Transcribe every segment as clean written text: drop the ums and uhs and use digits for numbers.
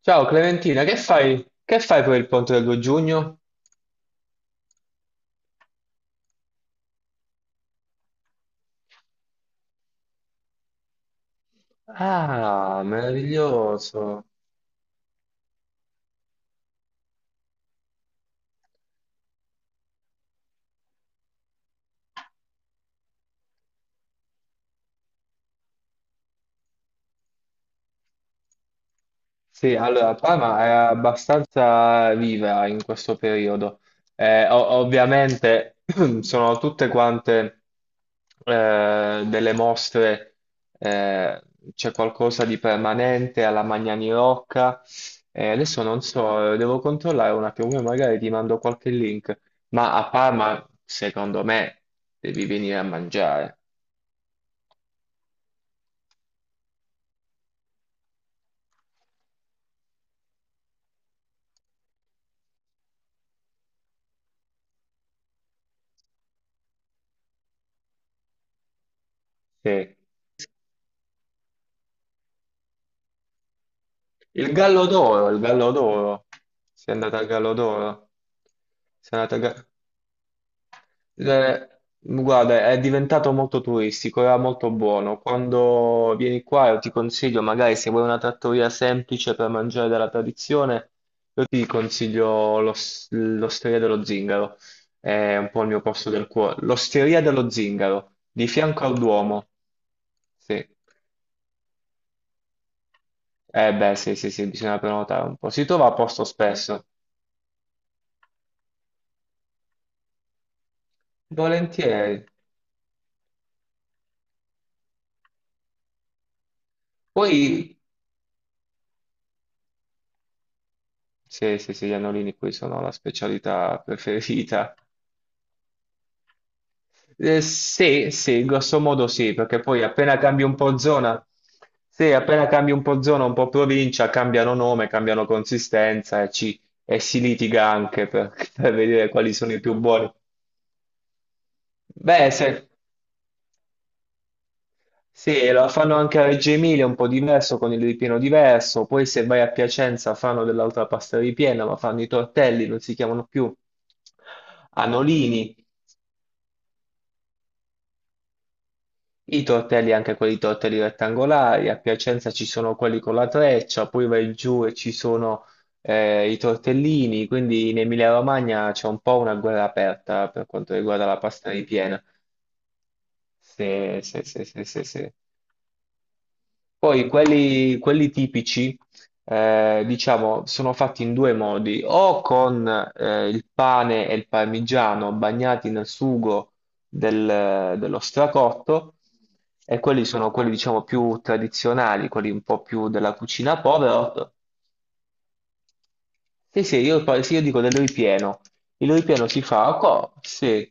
Ciao Clementina, che fai? Che fai per il ponte del 2 giugno? Ah, meraviglioso. Sì, allora Parma è abbastanza viva in questo periodo. Ovviamente sono tutte quante delle mostre, eh, c'è qualcosa di permanente alla Magnani Rocca. Adesso non so, devo controllare un attimo, poi magari ti mando qualche link. Ma a Parma, secondo me, devi venire a mangiare. Sì. Il Gallo d'Oro, il Gallo d'Oro. Sei andata al Gallo d'Oro. Sei andata al Ga- Eh, Guarda, è diventato molto turistico, era molto buono. Quando vieni qua, io ti consiglio, magari se vuoi una trattoria semplice per mangiare della tradizione, io ti consiglio l'Osteria dello Zingaro. È un po' il mio posto del cuore. L'Osteria dello Zingaro, di fianco al Duomo. Sì. Eh beh, sì, sì, sì, bisogna prenotare un po'. Si trova a posto spesso. Volentieri. Poi, sì, sì, sì, gli annolini qui sono la specialità preferita. Sì, sì, grosso modo sì, perché poi appena cambi un po' zona, sì, appena cambi un po' zona, un po' provincia, cambiano nome, cambiano consistenza e si litiga anche per, per vedere quali sono i più buoni. Beh, se, Sì, la fanno anche a Reggio Emilia, un po' diverso, con il ripieno diverso. Poi se vai a Piacenza fanno dell'altra pasta ripiena, ma fanno i tortelli, non si chiamano più anolini. I tortelli, anche quelli tortelli rettangolari. A Piacenza ci sono quelli con la treccia, poi vai giù e ci sono i tortellini. Quindi in Emilia-Romagna c'è un po' una guerra aperta per quanto riguarda la pasta ripiena. Sì, sì, sì, sì, sì, sì. Poi quelli, quelli tipici, diciamo, sono fatti in due modi, o con il pane e il parmigiano bagnati nel sugo dello stracotto, e quelli sono quelli, diciamo, più tradizionali, quelli un po' più della cucina povera, sì, sì, sì, io dico del ripieno. Il ripieno si fa co- se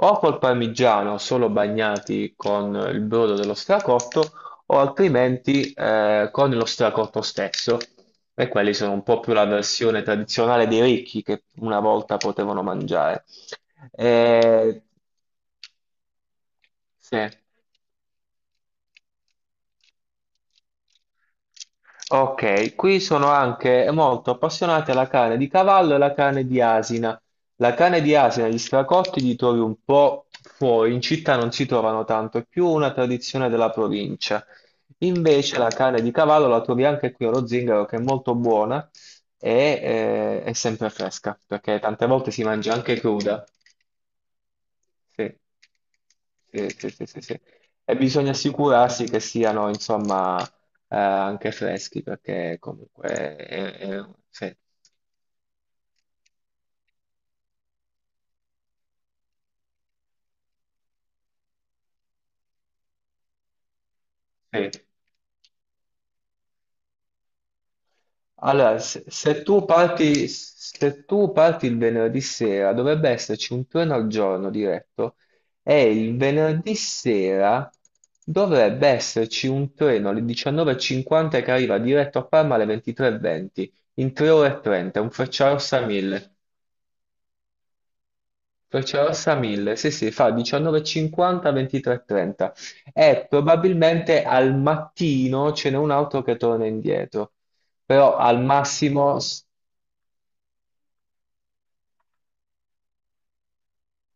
o col parmigiano solo bagnati con il brodo dello stracotto o altrimenti con lo stracotto stesso. E quelli sono un po' più la versione tradizionale dei ricchi che una volta potevano mangiare. Eh, sì. Ok, qui sono anche molto appassionati alla carne di cavallo e alla carne di asina. La carne di asina, gli stracotti li trovi un po' fuori, in città non si trovano tanto, è più una tradizione della provincia. Invece la carne di cavallo la trovi anche qui allo Zingaro, che è molto buona e è sempre fresca, perché tante volte si mangia anche cruda. Sì, sì, sì, sì, sì, sì. E bisogna assicurarsi che siano, insomma, anche freschi, perché comunque... sì, sì. Allora, se tu parti, se tu parti il venerdì sera, dovrebbe esserci un treno al giorno diretto, e il venerdì sera dovrebbe esserci un treno alle 19:50 che arriva diretto a Parma alle 23:20, in 3 ore e 30, un Frecciarossa 1000. Freccia rossa 1000, sì sì, fa 19:50, 23:30 e trenta e probabilmente al mattino ce n'è un altro che torna indietro, però al massimo,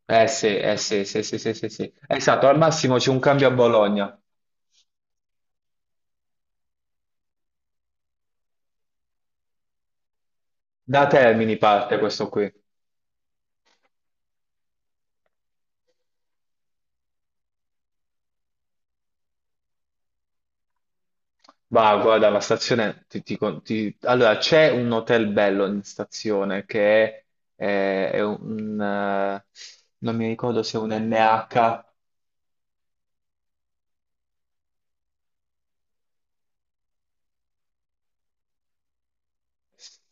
sì, eh sì, sì, sì, sì, sì, sì. Esatto, al massimo c'è un cambio a Bologna, da Termini parte questo qui, va, guarda la stazione, allora c'è un hotel bello in stazione che è un, non mi ricordo se è un NH.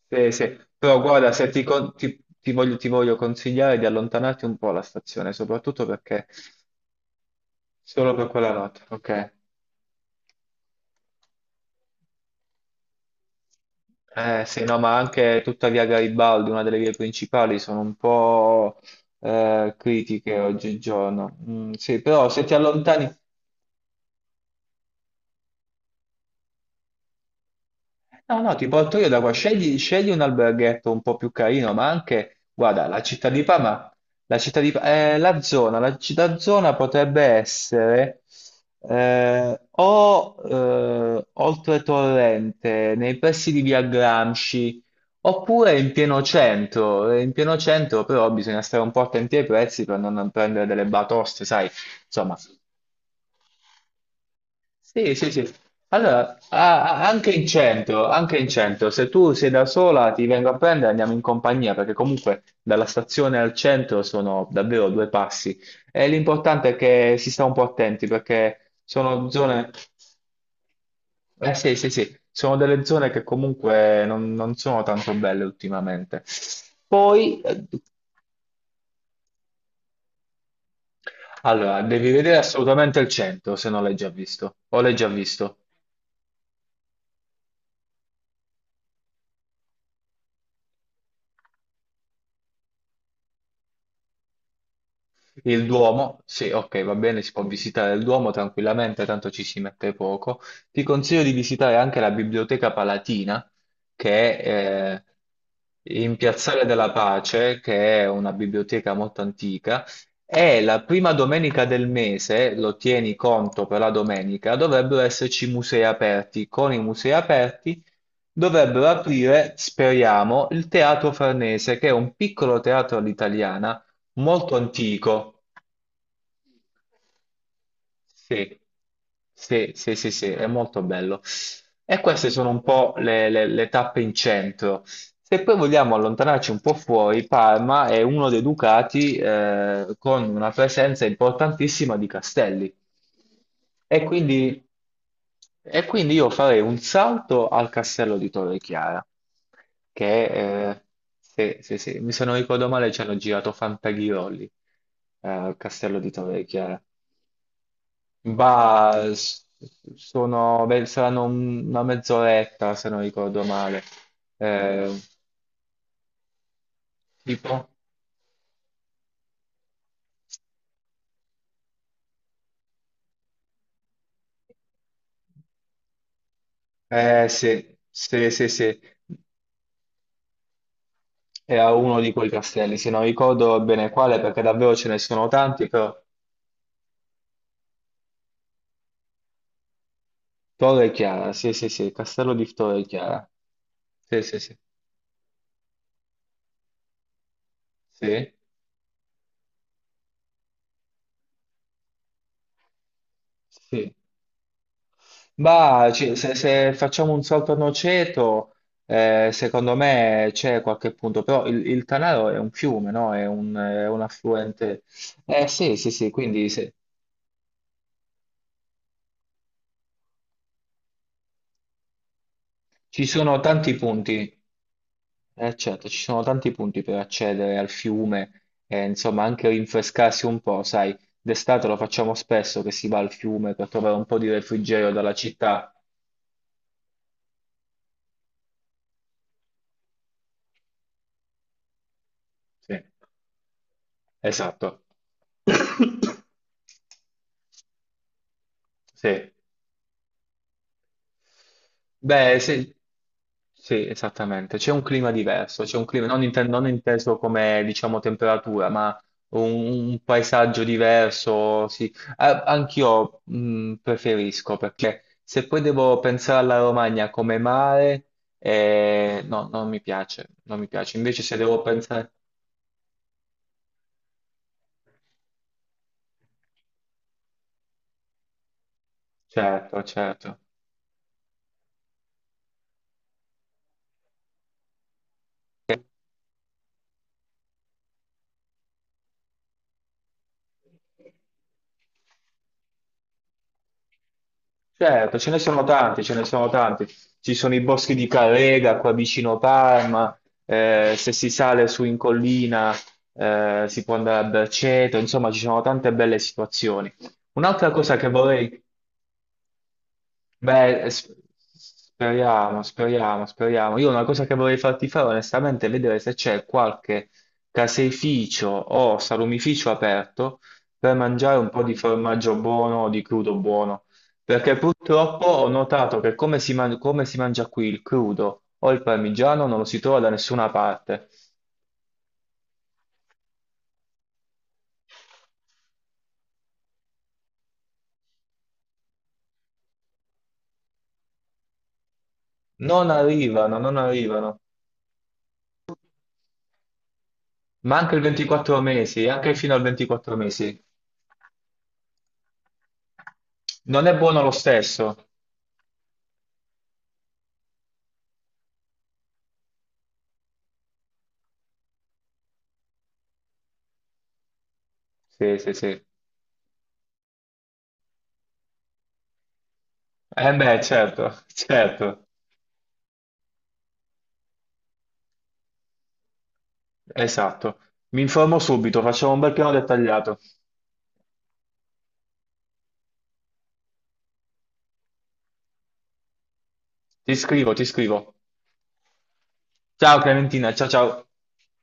Sì, sì. Però guarda, se ti, con- ti- ti voglio consigliare di allontanarti un po' dalla stazione, soprattutto perché solo per quella notte, ok? Sì, no, ma anche tutta via Garibaldi, una delle vie principali, sono un po' critiche oggigiorno. Mm, sì, però se ti allontani, no, no, ti porto io da qua. Scegli, scegli un alberghetto un po' più carino, ma anche, guarda, la città di Parma, la zona, la città zona potrebbe essere o oltre Torrente, nei pressi di Via Gramsci, oppure in pieno centro. In pieno centro però bisogna stare un po' attenti ai prezzi per non prendere delle batoste, sai, insomma, sì, sì, sì. Allora, anche in centro, se tu sei da sola ti vengo a prendere, e andiamo in compagnia, perché comunque dalla stazione al centro sono davvero due passi. E l'importante è che si sta un po' attenti, perché sono zone, eh sì, sì, sì, sono delle zone che comunque non, non sono tanto belle ultimamente. Poi, allora, devi vedere assolutamente il centro, se non l'hai già visto, o l'hai già visto. Il Duomo, sì, ok, va bene, si può visitare il Duomo tranquillamente, tanto ci si mette poco. Ti consiglio di visitare anche la Biblioteca Palatina, che è in Piazzale della Pace, che è una biblioteca molto antica, e la prima domenica del mese, lo tieni conto per la domenica, dovrebbero esserci musei aperti. Con i musei aperti dovrebbero aprire, speriamo, il Teatro Farnese, che è un piccolo teatro all'italiana molto antico. Sì, sì, sì, sì, sì, è molto bello. E queste sono un po' le tappe in centro. Se poi vogliamo allontanarci un po' fuori, Parma è uno dei ducati con una presenza importantissima di castelli. E quindi, e quindi io farei un salto al castello di Torre Chiara, che eh, se non ricordo male ci hanno girato Fantaghirolli al castello di Torre Chiara. Bah, s- sono, beh, saranno una mezz'oretta se non ricordo male. Eh, tipo? Eh sì, sì, sì, sì. Era uno di quei castelli, se non ricordo bene quale, perché davvero ce ne sono tanti, però Torre Chiara, sì, sì, sì, il castello di Torre Chiara. Sì, sì, sì. Sì, sì. Bah, se facciamo un salto a noceto, secondo me c'è qualche punto, però il Tanaro è un fiume, no? È un affluente. Eh sì, sì, sì, ci sono tanti punti, certo, ci sono tanti punti per accedere al fiume, e insomma anche rinfrescarsi un po', sai, d'estate lo facciamo spesso che si va al fiume per trovare un po' di refrigerio dalla città. Sì, esatto. Sì. Beh, sì, sì, esattamente. C'è un clima diverso, c'è un clima non, inte- non inteso come, diciamo, temperatura, ma un paesaggio diverso, sì. Anch'io preferisco, perché se poi devo pensare alla Romagna come mare, no, non mi piace, non mi piace. Invece se devo pensare... Certo, certo. Certo, ce ne sono tanti, ce ne sono tanti. Ci sono i boschi di Carrega qua vicino Parma, se si sale su in collina si può andare a Berceto, insomma ci sono tante belle situazioni. Un'altra cosa che vorrei Beh, s- speriamo, speriamo, speriamo. Io una cosa che vorrei farti fare onestamente è vedere se c'è qualche caseificio o salumificio aperto per mangiare un po' di formaggio buono o di crudo buono. Perché purtroppo ho notato che come si mangia qui il crudo o il parmigiano non lo si trova da nessuna parte. Non arrivano, non arrivano. Ma anche il 24 mesi, anche fino al 24 mesi. Non è buono lo stesso. Sì, sì, sì. Eh beh, certo, certo, esatto. Mi informo subito, facciamo un bel piano dettagliato. Ti scrivo, ti scrivo. Ciao Clementina, ciao ciao.